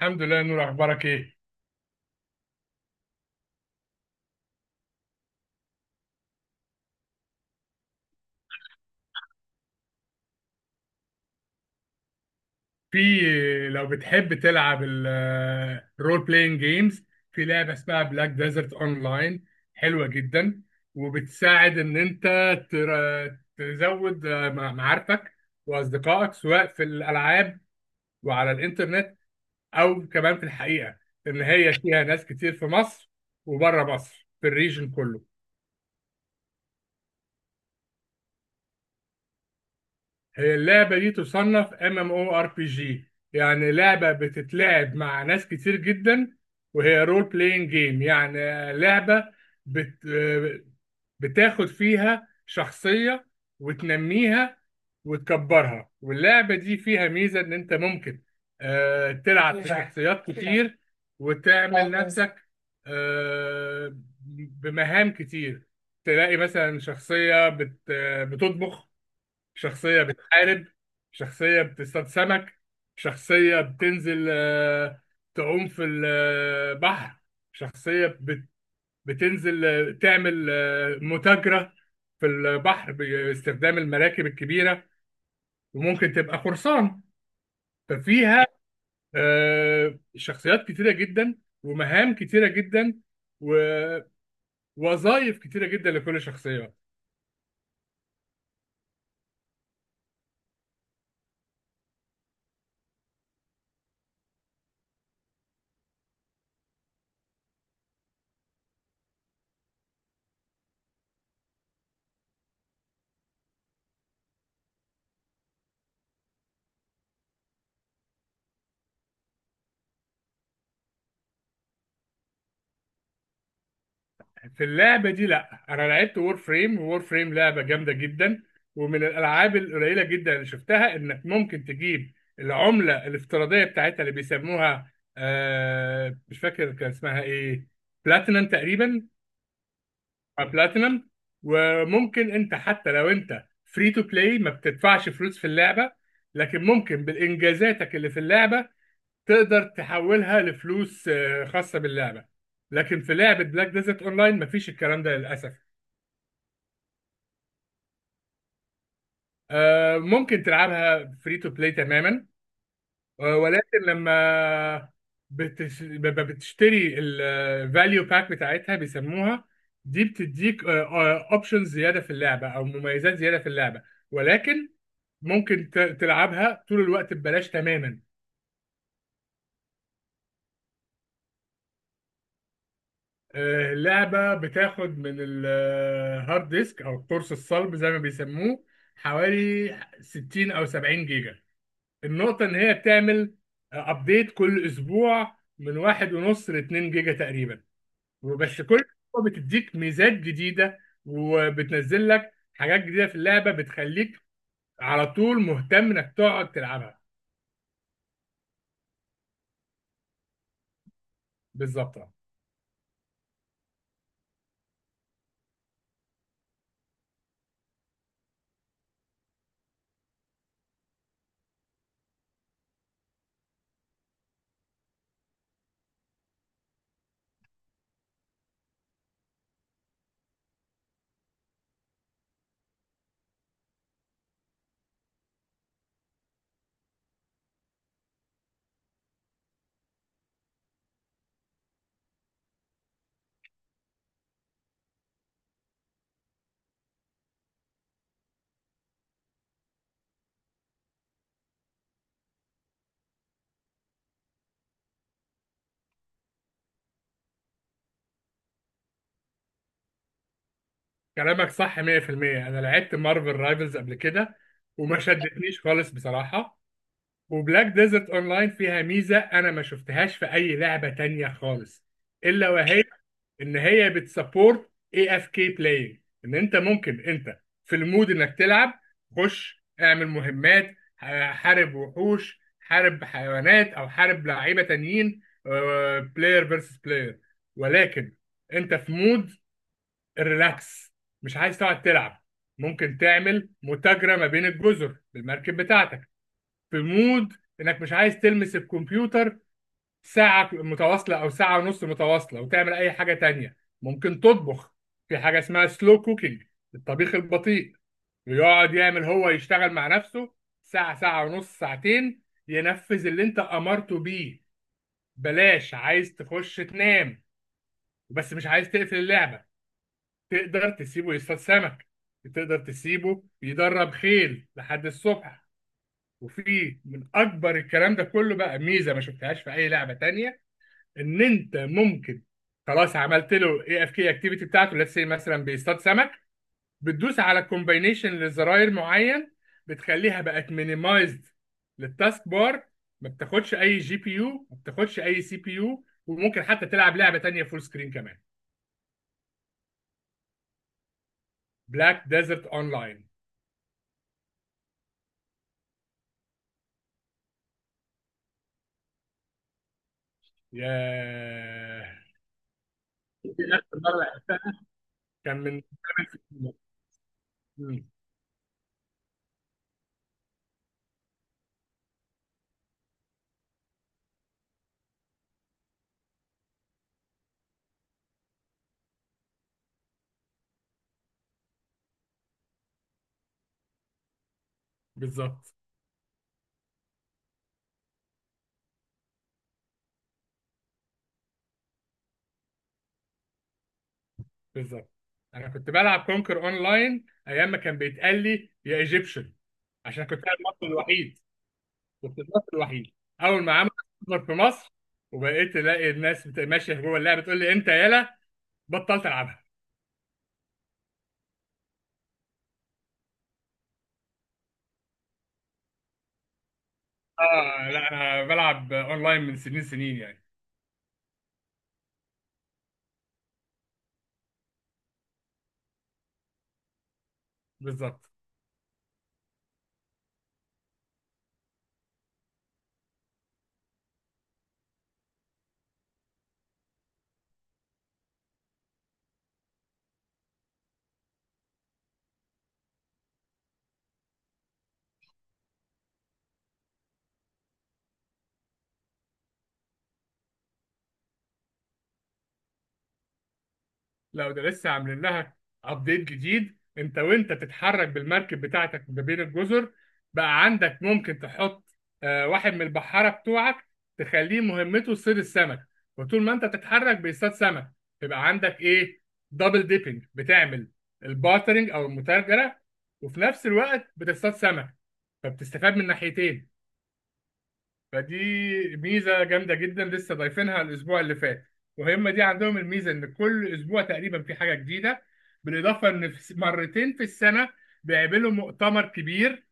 الحمد لله يا نور، اخبارك ايه؟ في، لو بتحب تلعب الرول بلاينج جيمز في لعبه اسمها بلاك ديزرت اونلاين. حلوه جدا وبتساعد ان انت تزود معارفك واصدقائك سواء في الالعاب وعلى الانترنت او كمان في الحقيقه ان هي فيها ناس كتير في مصر وبره مصر في الريجن كله. هي اللعبة دي تصنف ام ام او ار بي جي، يعني لعبة بتتلعب مع ناس كتير جدا، وهي رول بلاينج جيم، يعني لعبة بت... بتاخد فيها شخصية وتنميها وتكبرها. واللعبة دي فيها ميزة ان انت ممكن تلعب في شخصيات كتير وتعمل نفسك آه، بمهام كتير. تلاقي مثلا شخصية بتطبخ، شخصية بتحارب، شخصية بتصطاد سمك، شخصية بتنزل تعوم في البحر، شخصية بتنزل تعمل متاجرة في البحر باستخدام المراكب الكبيرة، وممكن تبقى قرصان. ففيها شخصيات كتيرة جدا، ومهام كتيرة جدا، ووظائف كتيرة جدا لكل شخصية. في اللعبة دي، لا، أنا لعبت وور فريم. وور فريم لعبة جامدة جدا، ومن الألعاب القليلة جدا اللي شفتها إنك ممكن تجيب العملة الافتراضية بتاعتها اللي بيسموها، مش فاكر كان اسمها إيه، بلاتينم تقريبا، أو بلاتينم. وممكن أنت حتى لو أنت فري تو بلاي، ما بتدفعش فلوس في اللعبة، لكن ممكن بالإنجازاتك اللي في اللعبة تقدر تحولها لفلوس خاصة باللعبة. لكن في لعبة بلاك ديزرت أونلاين مفيش الكلام ده للأسف. ممكن تلعبها فري تو بلاي تماما. ولكن لما بتشتري الفاليو باك بتاعتها بيسموها، دي بتديك اوبشنز زياده في اللعبه او مميزات زياده في اللعبه. ولكن ممكن تلعبها طول الوقت ببلاش تماما. اللعبه بتاخد من الهارد ديسك او القرص الصلب زي ما بيسموه حوالي 60 او 70 جيجا. النقطة إن هي بتعمل أبديت كل أسبوع من واحد ونص لاتنين جيجا تقريبا، وبس كل أسبوع بتديك ميزات جديدة وبتنزل لك حاجات جديدة في اللعبة بتخليك على طول مهتم إنك تقعد تلعبها. بالظبط، أه. كلامك صح 100%. أنا لعبت مارفل رايفلز قبل كده وما شدتنيش خالص بصراحة. وبلاك ديزرت أونلاين فيها ميزة أنا ما شفتهاش في أي لعبة تانية خالص، إلا وهي ان هي بتسبورت اي اف كي بلاينج. ان انت ممكن انت في المود انك تلعب، خش اعمل مهمات، حارب وحوش، حارب حيوانات، او حارب لعيبه تانيين، بلاير فيرسس بلاير. ولكن انت في مود الريلاكس، مش عايز تقعد تلعب، ممكن تعمل متاجرة ما بين الجزر بالمركب بتاعتك. في مود انك مش عايز تلمس الكمبيوتر ساعة متواصلة أو ساعة ونص متواصلة وتعمل أي حاجة تانية، ممكن تطبخ. في حاجة اسمها سلو كوكينج، الطبيخ البطيء، ويقعد يعمل، هو يشتغل مع نفسه ساعة، ساعة ونص، ساعتين، ينفذ اللي انت أمرته بيه. بلاش، عايز تخش تنام بس مش عايز تقفل اللعبة، تقدر تسيبه يصطاد سمك، تقدر تسيبه يدرب خيل لحد الصبح. وفي من أكبر الكلام ده كله بقى ميزة ما شفتهاش في أي لعبة تانية، ان انت ممكن، خلاص عملت له اي اف كي اكتيفيتي بتاعته، ليتس سي مثلا بيصطاد سمك، بتدوس على كومباينيشن لزراير معين، بتخليها بقت مينيمايزد للتاسك بار، ما بتاخدش اي جي بي يو، ما بتاخدش اي سي بي يو، وممكن حتى تلعب لعبه تانيه فول سكرين كمان. بلاك ديزرت اونلاين. ياه، دي آخر مرة لعبتها كان من ثمان سنين. مم. بالظبط بالظبط. انا كنت بلعب كونكر اونلاين ايام ما كان بيتقال لي يا ايجيبشن عشان كنت انا المصري الوحيد. كنت المصري الوحيد. اول ما عملت سيرفر في مصر وبقيت الاقي الناس ماشيه جوه اللعبه تقول لي انت يالا، بطلت العبها. اه لا، انا بلعب اونلاين من سنين سنين يعني. بالظبط. لو ده لسه عاملين لها ابديت جديد، انت وانت بتتحرك بالمركب بتاعتك ما بين الجزر، بقى عندك ممكن تحط واحد من البحارة بتوعك تخليه مهمته صيد السمك، وطول ما انت بتتحرك بيصطاد سمك، يبقى عندك ايه، دبل ديبنج بتعمل البارترنج او المتاجرة، وفي نفس الوقت بتصطاد سمك، فبتستفاد من ناحيتين. فدي ميزه جامده جدا لسه ضايفينها الاسبوع اللي فات. وهم دي عندهم الميزه ان كل اسبوع تقريبا في حاجه جديده. بالاضافه ان في مرتين في السنه بيعملوا مؤتمر كبير،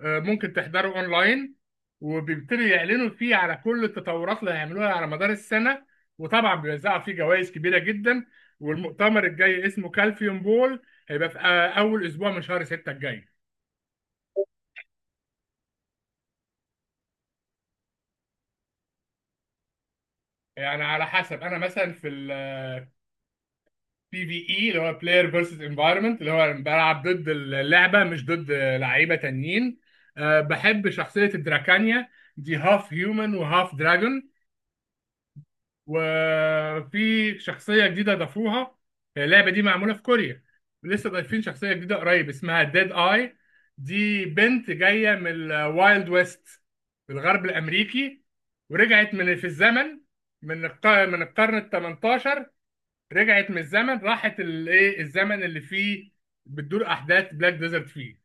ممكن تحضره اونلاين، وبيبتدوا يعلنوا فيه على كل التطورات اللي هيعملوها على مدار السنه، وطبعا بيوزعوا فيه جوائز كبيره جدا. والمؤتمر الجاي اسمه كالفيوم بول، هيبقى في اول اسبوع من شهر 6 الجاي. يعني على حسب، انا مثلا في بي في اي اللي هو بلاير فيرسز انفايرمنت، اللي هو بلعب ضد اللعبه مش ضد لعيبه تانيين، أه بحب شخصيه الدراكانيا، دي هاف هيومن وهاف دراجون. وفي شخصيه جديده ضافوها، اللعبه دي معموله في كوريا، لسه ضايفين شخصيه جديده قريب اسمها ديد اي، دي بنت جايه من الوايلد ويست في الغرب الامريكي، ورجعت من في الزمن، من من القرن ال 18، رجعت من الزمن، راحت الايه الزمن اللي فيه بتدور احداث بلاك ديزرت فيه،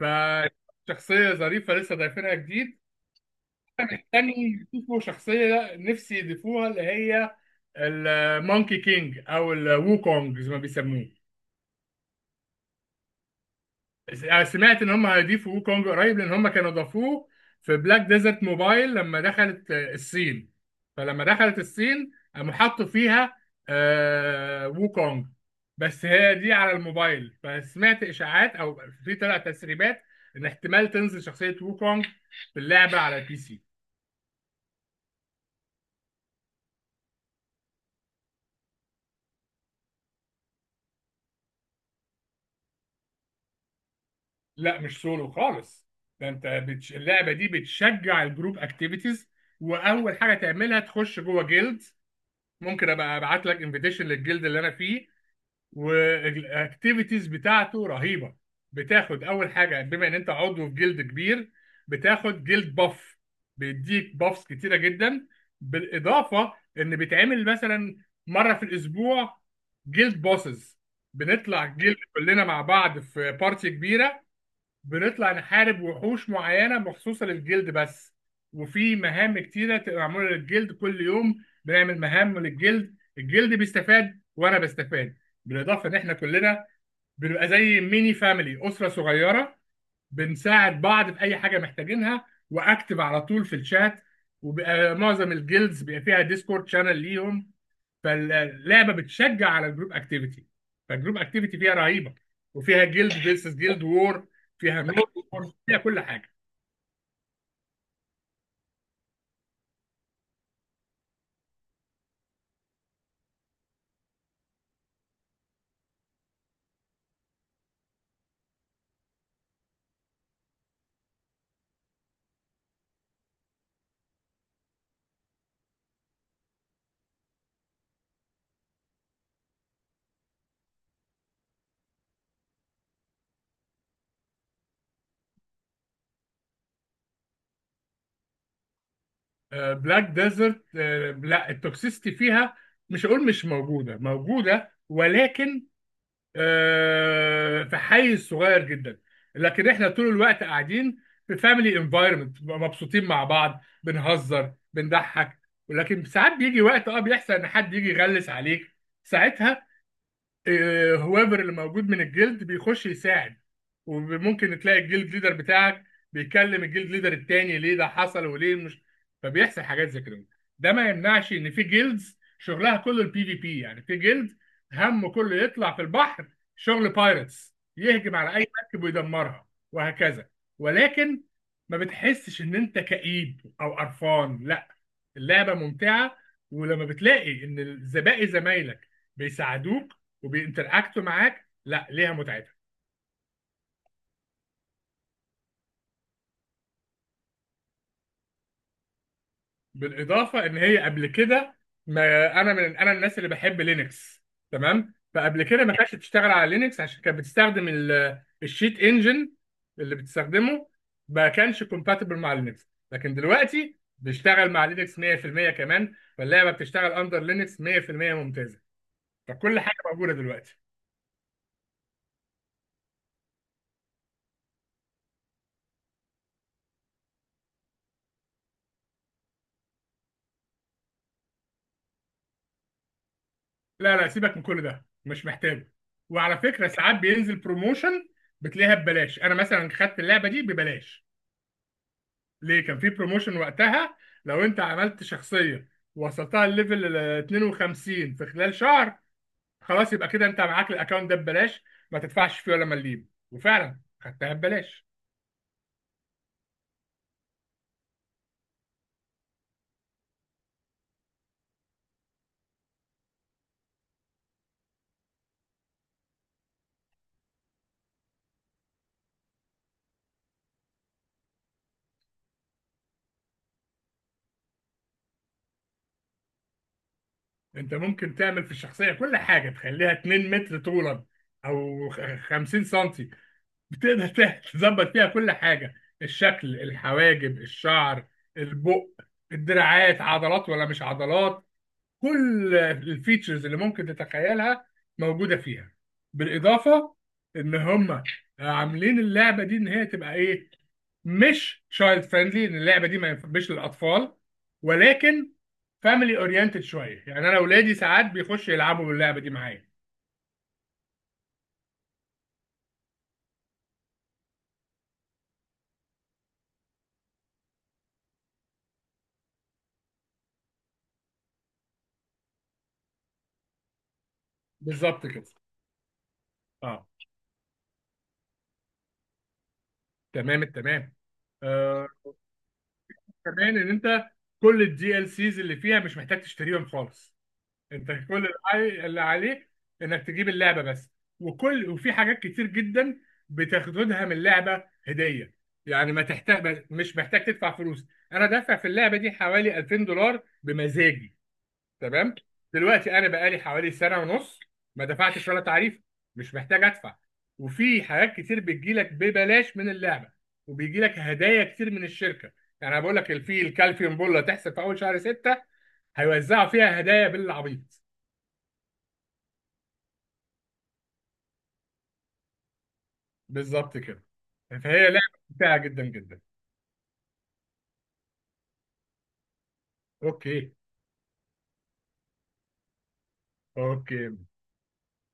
فشخصيه ظريفه لسه ضايفينها جديد. تاني يضيفوا شخصيه، نفسي يضيفوها اللي هي المونكي كينج او الوو كونج زي ما بيسموه. سمعت ان هم هيضيفوا ووكونج قريب، لان هم كانوا ضافوه في بلاك ديزرت موبايل لما دخلت الصين. فلما دخلت الصين، قاموا حطوا فيها ووكونج، بس هي دي على الموبايل. فسمعت اشاعات او في طلع تسريبات ان احتمال تنزل شخصية ووكونج في اللعبة على البي سي. لا مش سولو خالص، ده انت اللعبة دي بتشجع الجروب اكتيفيتيز. واول حاجة تعملها تخش جوه جيلد. ممكن ابقى ابعت لك انفيتيشن للجلد اللي انا فيه، والاكتيفيتيز بتاعته رهيبه. بتاخد اول حاجه، بما ان انت عضو في جلد كبير، بتاخد جلد باف، بيديك بافs كتيره جدا. بالاضافه ان بيتعمل مثلا مره في الاسبوع جلد بوسز، بنطلع جلد كلنا مع بعض في بارتي كبيره، بنطلع نحارب وحوش معينة مخصوصة للجلد بس. وفي مهام كتيرة تبقى معمولة للجلد، كل يوم بنعمل مهام للجلد، الجلد بيستفاد وأنا بستفاد. بالإضافة إن إحنا كلنا بنبقى زي ميني فاميلي، أسرة صغيرة، بنساعد بعض في أي حاجة محتاجينها، وأكتب على طول في الشات. وبقى معظم الجيلدز بيبقى فيها ديسكورد شانل ليهم. فاللعبه بتشجع على الجروب اكتيفيتي، فالجروب اكتيفيتي فيها رهيبه، وفيها جيلد فيرسس جيلد وور، فيها ميد وور، فيها كل حاجه. بلاك ديزرت. لا التوكسيستي فيها، مش هقول مش موجوده، موجوده، ولكن في حيز صغير جدا. لكن احنا طول الوقت قاعدين في فاميلي انفايرمنت، مبسوطين مع بعض بنهزر بنضحك. ولكن ساعات بيجي وقت، اه، بيحصل ان حد يجي يغلس عليك، ساعتها هوافر اللي موجود من الجلد بيخش يساعد، وممكن تلاقي الجلد ليدر بتاعك بيكلم الجلد ليدر التاني ليه ده حصل وليه مش. فبيحصل حاجات زي كده. ده ما يمنعش ان في جيلدز شغلها كله البي في بي، يعني في جيلد همه كله يطلع في البحر شغل بايرتس، يهجم على اي مركب ويدمرها، وهكذا. ولكن ما بتحسش ان انت كئيب او قرفان، لا، اللعبه ممتعه. ولما بتلاقي ان الزبائن زمايلك بيساعدوك وبينتراكتوا معاك، لا ليها متعتها. بالاضافه ان هي قبل كده، ما انا من الناس اللي بحب لينكس، تمام، فقبل كده ما كانتش بتشتغل على لينكس عشان كانت بتستخدم الشيت انجن اللي بتستخدمه، ما كانش كومباتبل مع لينكس. لكن دلوقتي بيشتغل مع لينكس 100% كمان، فاللعبه بتشتغل اندر لينكس 100%، ممتازه، فكل حاجه موجوده دلوقتي. لا، سيبك من كل ده، مش محتاجه. وعلى فكره ساعات بينزل بروموشن بتلاقيها ببلاش. انا مثلا خدت اللعبه دي ببلاش، ليه كان في بروموشن وقتها. لو انت عملت شخصيه وصلتها الليفل ال 52 في خلال شهر، خلاص يبقى كده انت معاك الاكونت ده ببلاش، ما تدفعش فيه ولا مليم، وفعلا خدتها ببلاش. انت ممكن تعمل في الشخصيه كل حاجه، تخليها 2 متر طولا او 50 سم. تظبط فيها كل حاجة، الشكل، الحواجب، الشعر، البق، الدراعات، عضلات ولا مش عضلات، كل الفيتشرز اللي ممكن تتخيلها موجودة فيها. بالإضافة إن هم عاملين اللعبة دي إن هي تبقى إيه، مش تشايلد فريندلي، إن اللعبة دي ما ينفعش للأطفال، ولكن فاميلي أورينتد شوية. يعني أنا أولادي ساعات بيخشوا يلعبوا باللعبة دي معايا. بالظبط كده. أه، تمام التمام. آه. كمان ان انت كل الدي ال سيز اللي فيها مش محتاج تشتريهم خالص، انت كل اللي اللي عليك انك تجيب اللعبه بس، وفي حاجات كتير جدا بتاخدها من اللعبه هديه. يعني ما تحتاج مش محتاج تدفع فلوس. انا دافع في اللعبه دي حوالي 2000 دولار بمزاجي. تمام. دلوقتي انا بقالي حوالي سنه ونص ما دفعتش ولا تعريف، مش محتاج ادفع. وفي حاجات كتير بتجيلك ببلاش من اللعبه، وبيجيلك هدايا كتير من الشركه. يعني انا بقول لك، في الكالفيوم بول اللي هتحصل في اول شهر ستة، هيوزعوا فيها هدايا بالعبيط. بالظبط كده. فهي لعبه ممتعه جدا جدا. اوكي. اوكي.